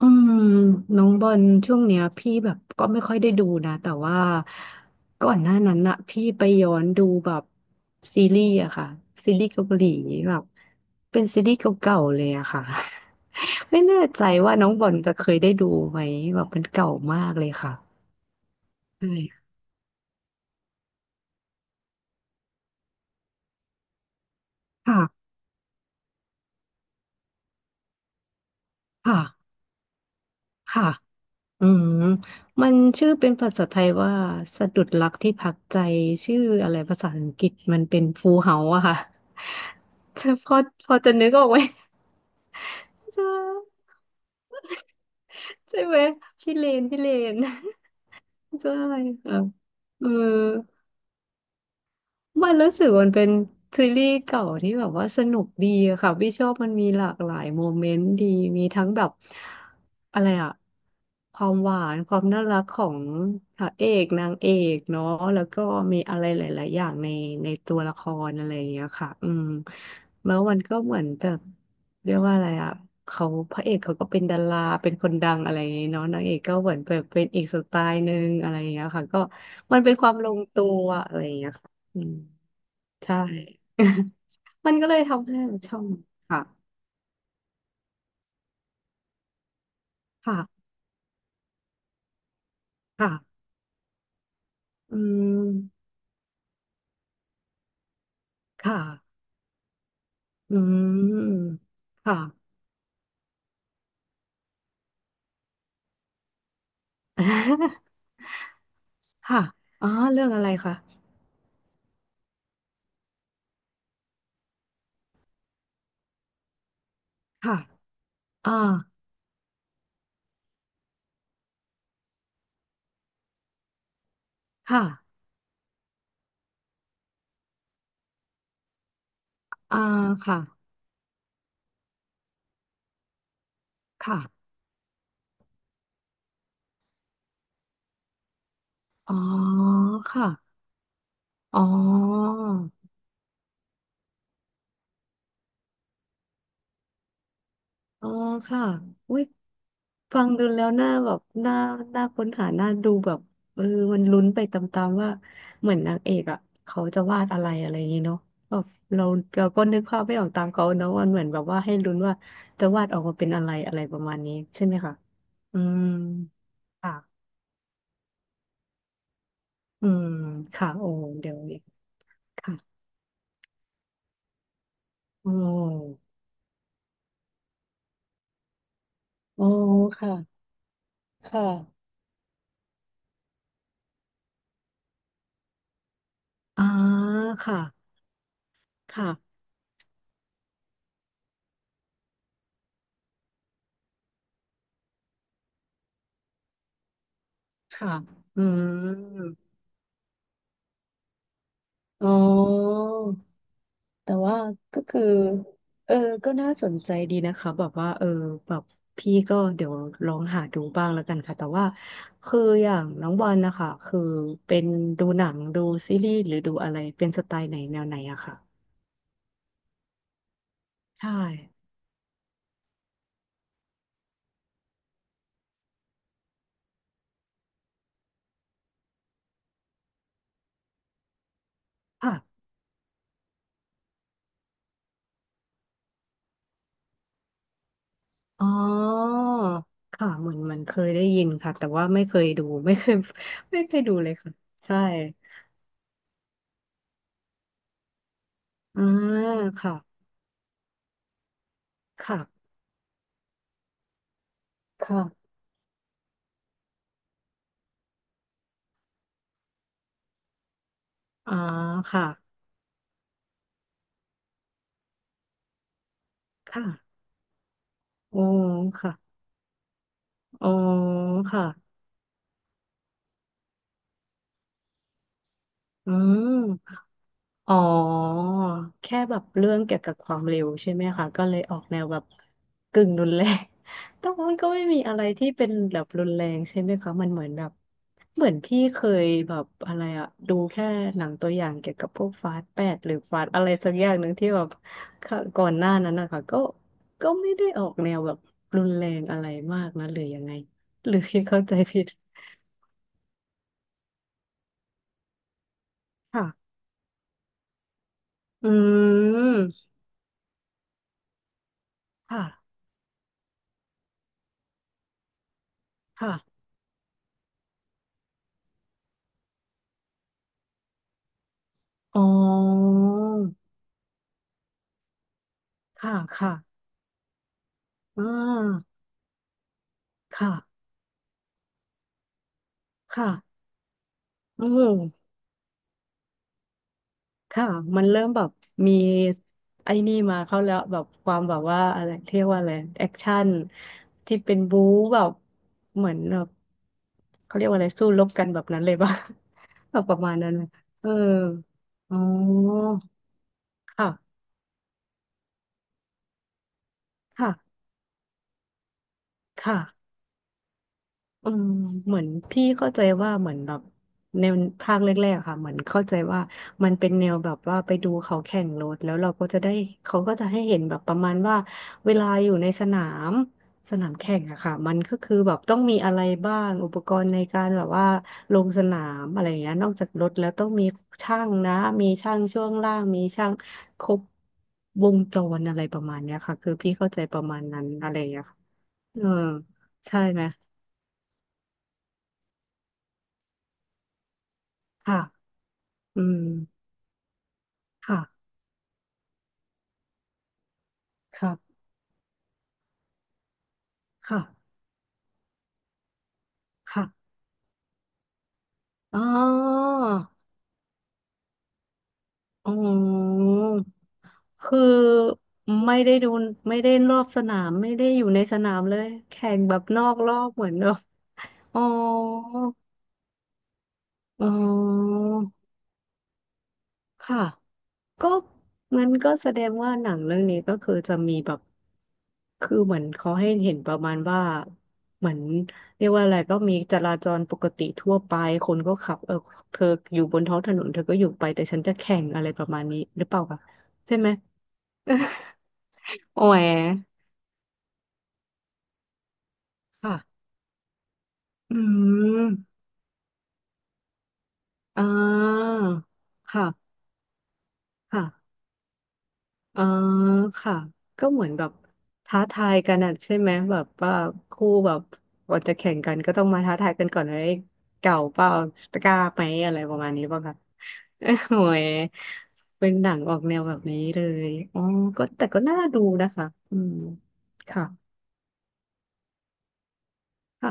อืมน้องบอลช่วงเนี้ยพี่แบบก็ไม่ค่อยได้ดูนะแต่ว่าก่อนหน้านั้นอะพี่ไปย้อนดูแบบซีรีส์อะค่ะซีรีส์เกาหลีแบบเป็นซีรีส์เก่าๆเลยอะค่ะ ไม่แน่ใจว่าน้องบอลจะเคยได้ดูไหมแบบมันเก่ามากเลยค่ะใช่ค่ะค่ะค่ะอืมมันชื่อเป็นภาษาไทยว่าสะดุดรักที่พักใจชื่ออะไรภาษาอังกฤษมันเป็นฟูลเฮาส์อะค่ะ จะพอพอจะนึกออกไหมจะ ใช่ไหมพี่เลนน ใช่ค่ะเออ มันรู้สึกมันเป็นซีรีส์เก่าที่แบบว่าสนุกดีอะค่ะพี่ชอบมันมีหลากหลายโมเมนต์ดีมีทั้งแบบอะไรอะความหวานความน่ารักของพระเอกนางเอกเนาะแล้วก็มีอะไรหลายๆอย่างในตัวละครอะไรอย่างเงี้ยค่ะอืมแล้วมันก็เหมือนแบบเรียกว่าอะไรอะเขาพระเอกเขาก็เป็นดาราเป็นคนดังอะไรอย่างเงี้ยเนาะนางเอกก็เหมือนแบบเป็นอีกสไตล์หนึ่งอะไรอย่างเงี้ยค่ะก็มันเป็นความลงตัวอะไรอย่างเงี้ย อืมใช่ มัน ก็เลยทำให้เราชอบค่ะค่ะค่ะอืมค่ะอืมค่ะ ค่ะอ๋อเรื่องอะไรคะค่ะอ่าค่ะอ่าค่ะค่ะอ๋อค่ะอ๋ออ๋อค่ะอุ้ย ฟังดูแล้วน่าแบบน่าน่าค้นหาน่าดูแบบเออมันลุ้นไปตามๆว่าเหมือนนางเอกอ่ะเขาจะวาดอะไรอะไรอย่างงี้เนาะแบบเราก็นึกภาพไม่ออกตามเขาเนาะมันเหมือนแบบว่าให้ลุ้นว่าจะวาดออกมาเป็นอะไรอะไรประมาณนี้ใช่ไหมคะอืมค่ะอืมค่ะโอ้เดี๋ยวนี้ค่ะโอ้โอ้ค่ะค่ะอ่าค่ะค่ะค่ะอืมอ๋อ แต่ว่าก็คือเออก็น่าสนใจดีนะคะแบบว่าเออแบบพี่ก็เดี๋ยวลองหาดูบ้างแล้วกันค่ะแต่ว่าคืออย่างน้องวันนะคะคือเป็นดูหนังดูซีรีส์หรือดูอะไรเป็นสไตล์ไหนแนวไหนอะค่ะใช่ค่ะอ๋อค่ะเหมือนมันเคยได้ยินค่ะแต่ว่าไม่เคยดูไม่เคยไม่เคยดูเลยค่ะใช่อ่าค่ะค่ะค่ะอ่าค่ะค่ะโอ้ค่ะอ๋อค่ะ อืมอ๋อแค่แบบเรื่องเกี่ยวกับความเร็วใช่ไหมคะ ก็เลยออกแนวแบบกึ่งรุนแรง แต่ว่ามันก็ไม่มีอะไรที่เป็นแบบรุนแรงใช่ไหมคะมันเหมือนแบบเหมือนพี่เคยแบบอะไรอะดูแค่หนังตัวอย่างเกี่ยวกับพวกฟาสต์แปดหรือฟาสต์อะไรสักอย่างหนึ่งที่แบบค่ะก่อนหน้านั้นนะคะก็ไม่ได้ออกแนวแบบรุนแรงอะไรมากนะหรือยังไงหรือพี่เข้าใจผิดค่ะอืมค่ะค่ะ อ๋อ ค่ะ ค่ะอ่าค่ะค่ะอืมค่ะ มันเริ่มแบบมีไอ้นี่มาเข้าแล้วแบบความแบบว่าอะไรเรียกว่าอะไรแอคชั่นที่เป็นบู๊แบบเหมือนแบบเขาเรียกว่าอะไรสู้รบกันแบบนั้นเลยป่ะ แบบประมาณนั้นเลยเอออ๋อ ค่ะ ค่ะค่ะ เออเหมือนพี่เข้าใจว่าเหมือนแบบแนวภาคแรกๆอะค่ะเหมือนเข้าใจว่ามันเป็นแนวแบบว่าไปดูเขาแข่งรถแล้วเราก็จะได้เขาก็จะให้เห็นแบบประมาณว่าเวลาอยู่ในสนามสนามแข่งอะค่ะมันก็คือแบบต้องมีอะไรบ้างอุปกรณ์ในการแบบว่าลงสนามอะไรอย่างเงี้ยนอกจากรถแล้วต้องมีช่างนะมีช่างช่วงล่างมีช่างครบวงจรอะไรประมาณเนี้ยค่ะคือพี่เข้าใจประมาณนั้นอะไรอย่างเงี้ยค่ะเออใช่ไหมค่ะ อืมค่ะครับค่ะค่ะอ๋ออ๋อคือไม่ได้ดูไม่ได้รอบสนาม ไม่ได้อยู่ในสนามเลย แข่งแบบนอกรอบเหมือนแบบอ๋ออ๋อค่ะ ก็มันก็แสดงว่าหนังเรื่องนี้ก็คือจะมีแบบคือเหมือนเขาให้เห็นประมาณว่าเหมือนเรียกว่าอะไรก็มีจราจรปกติทั่วไปคนก็ขับเออเธออยู่บนท้องถนนเธอก็อยู่ไปแต่ฉันจะแข่งอะไรประมาณนี้หรือเปล่าคะใช่ไหม โอ้ยค่ะอืมอ่าค่ะค่ะ อ่าค่ะก็เหมือนแบบท้าทายกันอ่ะใช่ไหมแบบว่าคู่แบบก่อนจะแข่งกันก็ต้องมาท้าทายกันก่อนเลยเก่าเปล่ากล้าไหมอะไรประมาณนี้ป่ะคะ โอ้ยเป็นหนังออกแนวแบบนี้เลยอ๋อก็แต่ก็น่าดูนะคะอืมค่ะค่ะ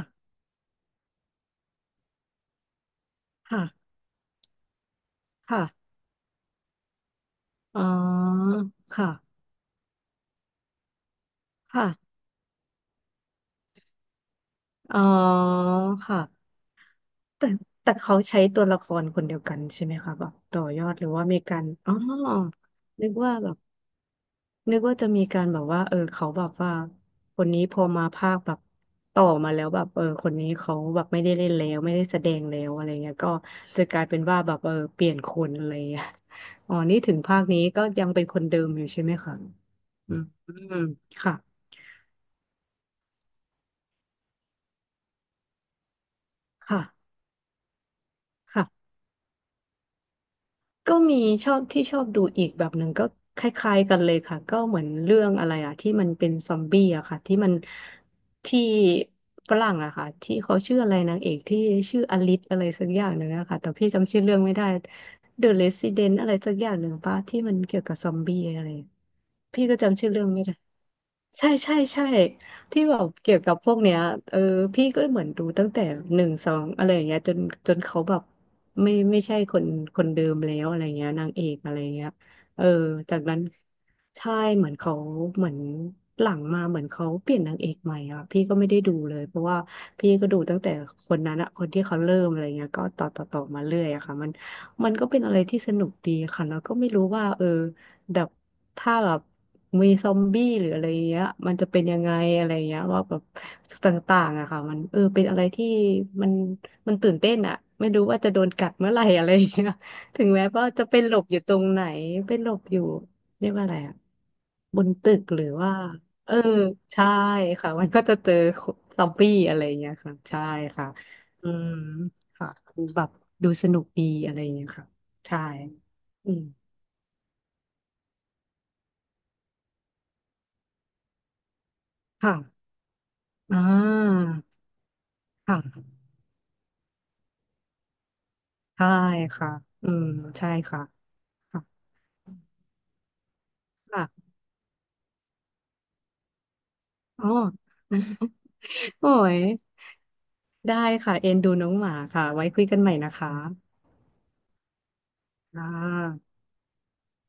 ค่ะค่ะอ๋อค่ะค่ะอ๋อค่ะ แต่แต่เขาใช้ตัวละครคนเดียวกันใช่ไหมคะแบบต่อยอดหรือว่ามีการอ๋อนึกว่าแบบนึกว่าจะมีการแบบว่าเออเขาแบบว่าคนนี้พอมาภาคแบบต่อมาแล้วแบบเออคนนี้เขาแบบไม่ได้เล่นแล้วไม่ได้แสดงแล้วอะไรเงี้ยก็จะกลายเป็นว่าแบบเออเปลี่ยนคนอะไรเงี้ยอ๋อนี่ถึงภาคนี้ก็ยังเป็นคนเดิมอยู่ใช่ไหมคะอืมอืมค่ะค่ะค่ะ ก็มีชอบที่ชอบดูอีกแบบหนึ่งก็คล้ายๆกันเลยค่ะก็เหมือนเรื่องอะไรอะที่มันเป็นซอมบี้อะค่ะที่มันที่ฝรั่งอะค่ะที่เขาชื่ออะไรนางเอกที่ชื่ออลิซอะไรสักอย่างหนึ่งอะค่ะแต่พี่จำชื่อเรื่องไม่ได้ The Resident อะไรสักอย่างหนึ่งปะที่มันเกี่ยวกับซอมบี้อะไรพี่ก็จำชื่อเรื่องไม่ได้ ใช่ใช่ใช่ที่แบบเกี่ยวกับพวกเนี้ยเออพี่ก็เหมือนดูตั้งแต่1 2อะไรอย่างเงี้ยจนจนเขาแบบไม่ใช่คนคนเดิมแล้วอะไรเงี้ยนางเอกอะไรเงี้ยเออจากนั้นใช่เหมือนเขาเหมือนหลังมาเหมือนเขาเปลี่ยนนางเอกใหม่อ่ะพี่ก็ไม่ได้ดูเลยเพราะว่าพี่ก็ดูตั้งแต่คนนั้นอะคนที่เขาเริ่มอะไรเงี้ยก็ต่อมาเรื่อยอะค่ะมันมันก็เป็นอะไรที่สนุกดีค่ะแล้วก็ไม่รู้ว่าเออ แบบถ้าแบบมีซอมบี้หรืออะไรเงี้ยมันจะเป็นยังไงอะไรเงี้ยว่าแบบต่างๆอะค่ะมันเออเป็นอะไรที่มันมันตื่นเต้นอะไม่รู้ว่าจะโดนกัดเมื่อไหร่อะไรเงี้ย ถึงแม้ว่าจะเป็นหลบอยู่ตรงไหนเป็นหลบอยู่เรียกว่าอะไรอะบนตึกหรือว่าเออใช่ค่ะมันก็จะเจอซอมบี้อะไรเงี้ยค่ะใช่ค่ะอืมค่ะคือแบบดูสนุกดีอะไรเงี้ยค่ะใช่อืมค่ะ อ่าค่ะใช่ค่ะ อืม ใช่ค่ะค่ะค่ะอ๋อ โอ้ย ได้ค่ะ เอ็นดูน้องหมาค่ะ ไว้คุยกันใหม่นะคะอ่า